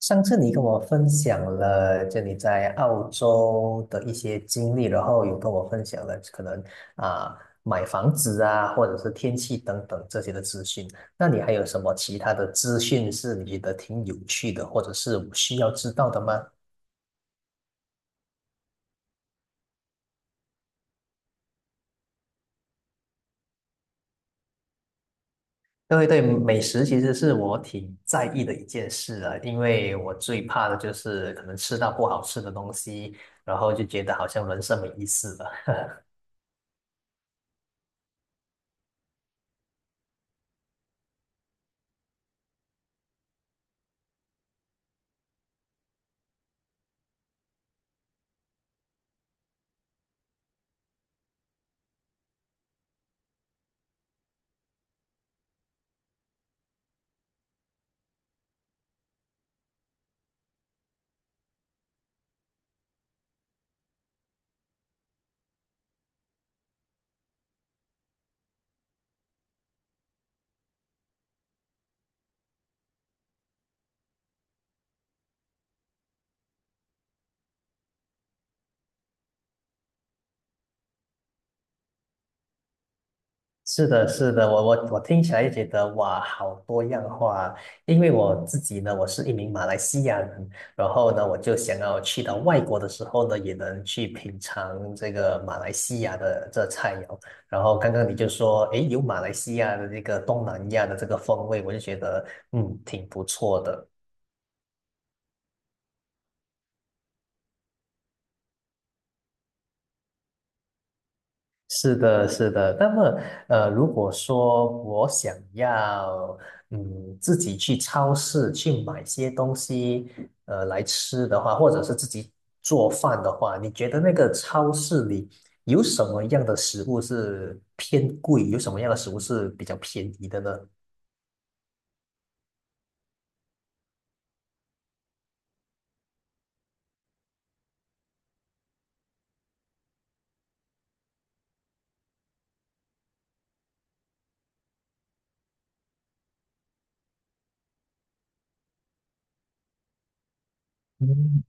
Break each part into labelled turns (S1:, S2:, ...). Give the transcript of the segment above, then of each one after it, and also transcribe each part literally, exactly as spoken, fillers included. S1: 上次你跟我分享了，就你在澳洲的一些经历，然后有跟我分享了可能啊、买房子啊，或者是天气等等这些的资讯。那你还有什么其他的资讯是你觉得挺有趣的，或者是我需要知道的吗？对对，美食其实是我挺在意的一件事啊，因为我最怕的就是可能吃到不好吃的东西，然后就觉得好像人生没意思了。是的，是的，我我我听起来就觉得哇，好多样化啊。因为我自己呢，我是一名马来西亚人，然后呢，我就想要去到外国的时候呢，也能去品尝这个马来西亚的这菜肴。然后刚刚你就说，诶，有马来西亚的这个东南亚的这个风味，我就觉得嗯，挺不错的。是的，是的。那么，呃，如果说我想要，嗯，自己去超市去买些东西，呃，来吃的话，或者是自己做饭的话，你觉得那个超市里有什么样的食物是偏贵，有什么样的食物是比较便宜的呢？嗯，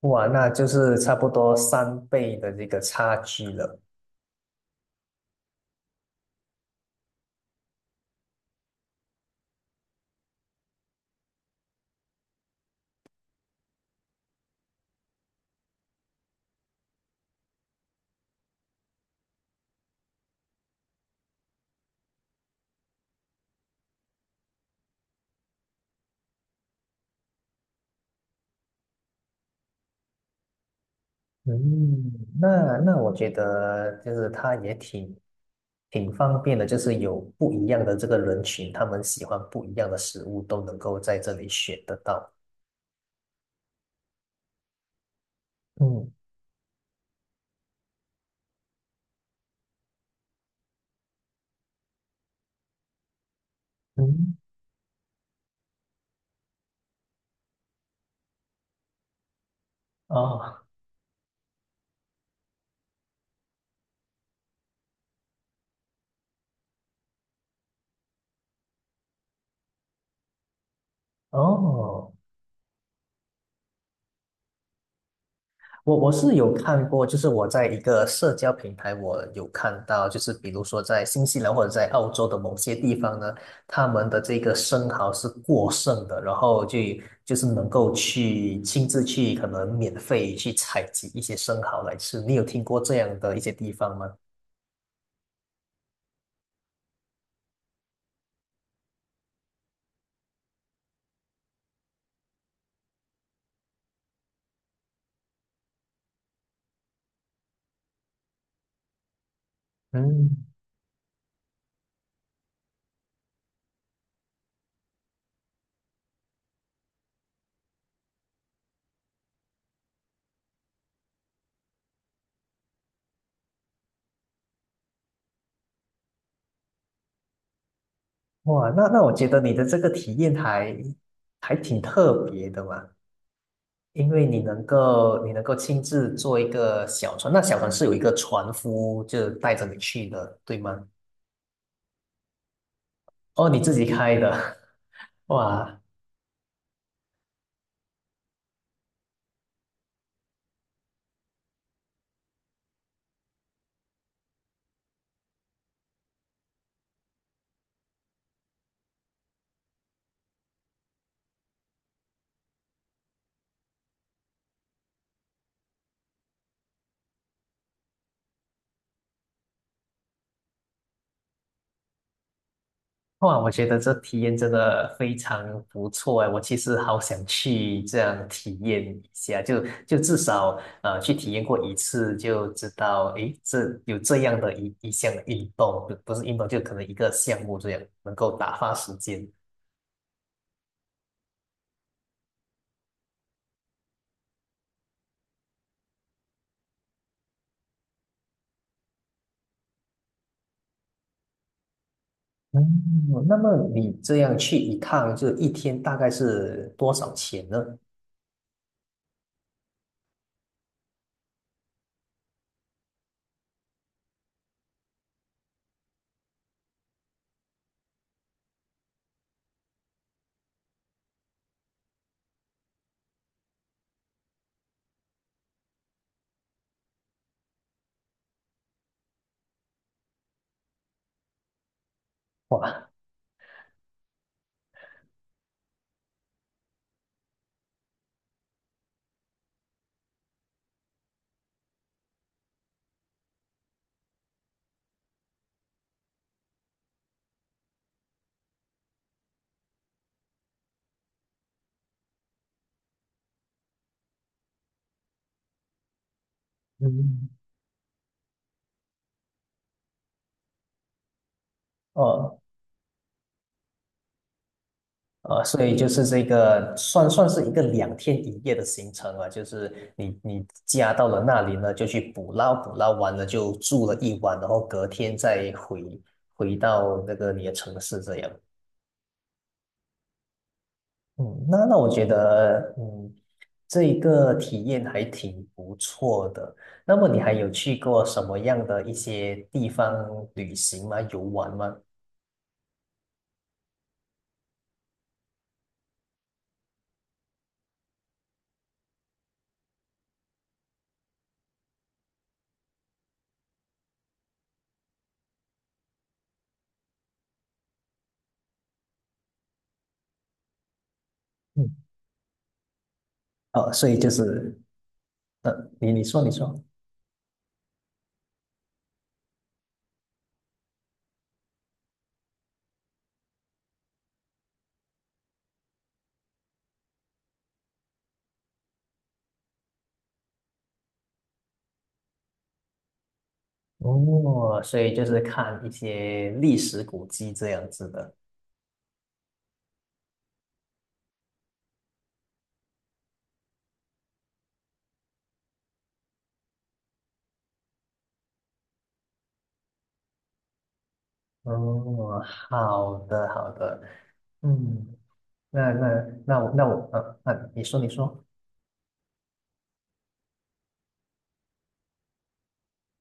S1: 哇，那就是差不多三倍的这个差距了。嗯，那那我觉得就是它也挺挺方便的，就是有不一样的这个人群，他们喜欢不一样的食物，都能够在这里选得到。嗯嗯，哦哦，我我是有看过，就是我在一个社交平台，我有看到，就是比如说在新西兰或者在澳洲的某些地方呢，他们的这个生蚝是过剩的，然后就就是能够去亲自去可能免费去采集一些生蚝来吃。你有听过这样的一些地方吗？嗯，哇，那那我觉得你的这个体验还还挺特别的嘛。因为你能够你能够亲自坐一个小船，那小船是有一个船夫就带着你去的，对吗？哦，你自己开的，哇哇，我觉得这体验真的非常不错哎，我其实好想去这样体验一下，就就至少呃去体验过一次就知道，诶，这有这样的一一项运动，不不是运动，就可能一个项目这样能够打发时间。嗯，那么你这样去一趟，就一天大概是多少钱呢？哇，嗯，哦，呃，所以就是这个算算是一个两天一夜的行程啊，就是你你家到了那里呢，就去捕捞，捕捞完了就住了一晚，然后隔天再回回到那个你的城市这样。嗯，那那我觉得，嗯，这一个体验还挺不错的。那么你还有去过什么样的一些地方旅行吗？游玩吗？嗯，哦，所以就是，呃，你你说你说。哦，所以就是看一些历史古迹这样子的。哦，好的好的，嗯，那那那我那我呃，那你说你说。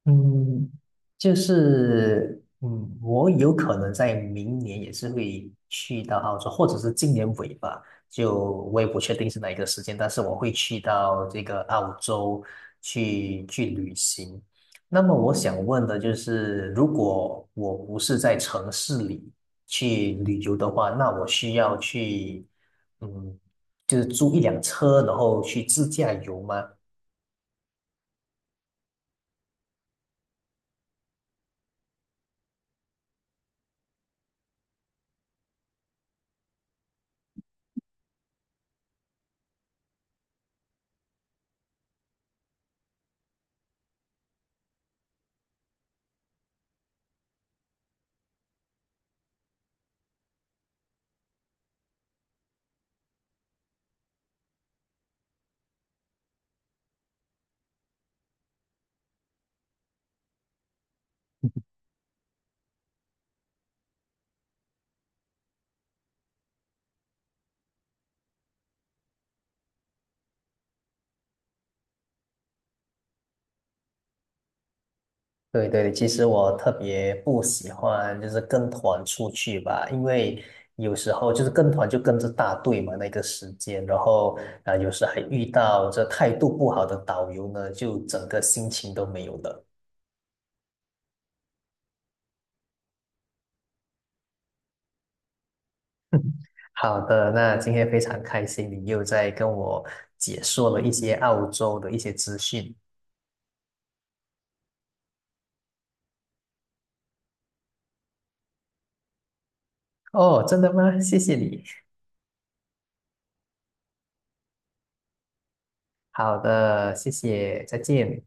S1: 嗯，就是嗯，我有可能在明年也是会去到澳洲，或者是今年尾吧，就我也不确定是哪一个时间，但是我会去到这个澳洲去去旅行。那么我想问的就是，如果我不是在城市里去旅游的话，那我需要去嗯，就是租一辆车，然后去自驾游吗？对对，其实我特别不喜欢就是跟团出去吧，因为有时候就是跟团就跟着大队嘛，那个时间，然后啊、呃有时还遇到这态度不好的导游呢，就整个心情都没有了。好的，那今天非常开心，你又在跟我解说了一些澳洲的一些资讯。哦，真的吗？谢谢你。好的，谢谢，再见。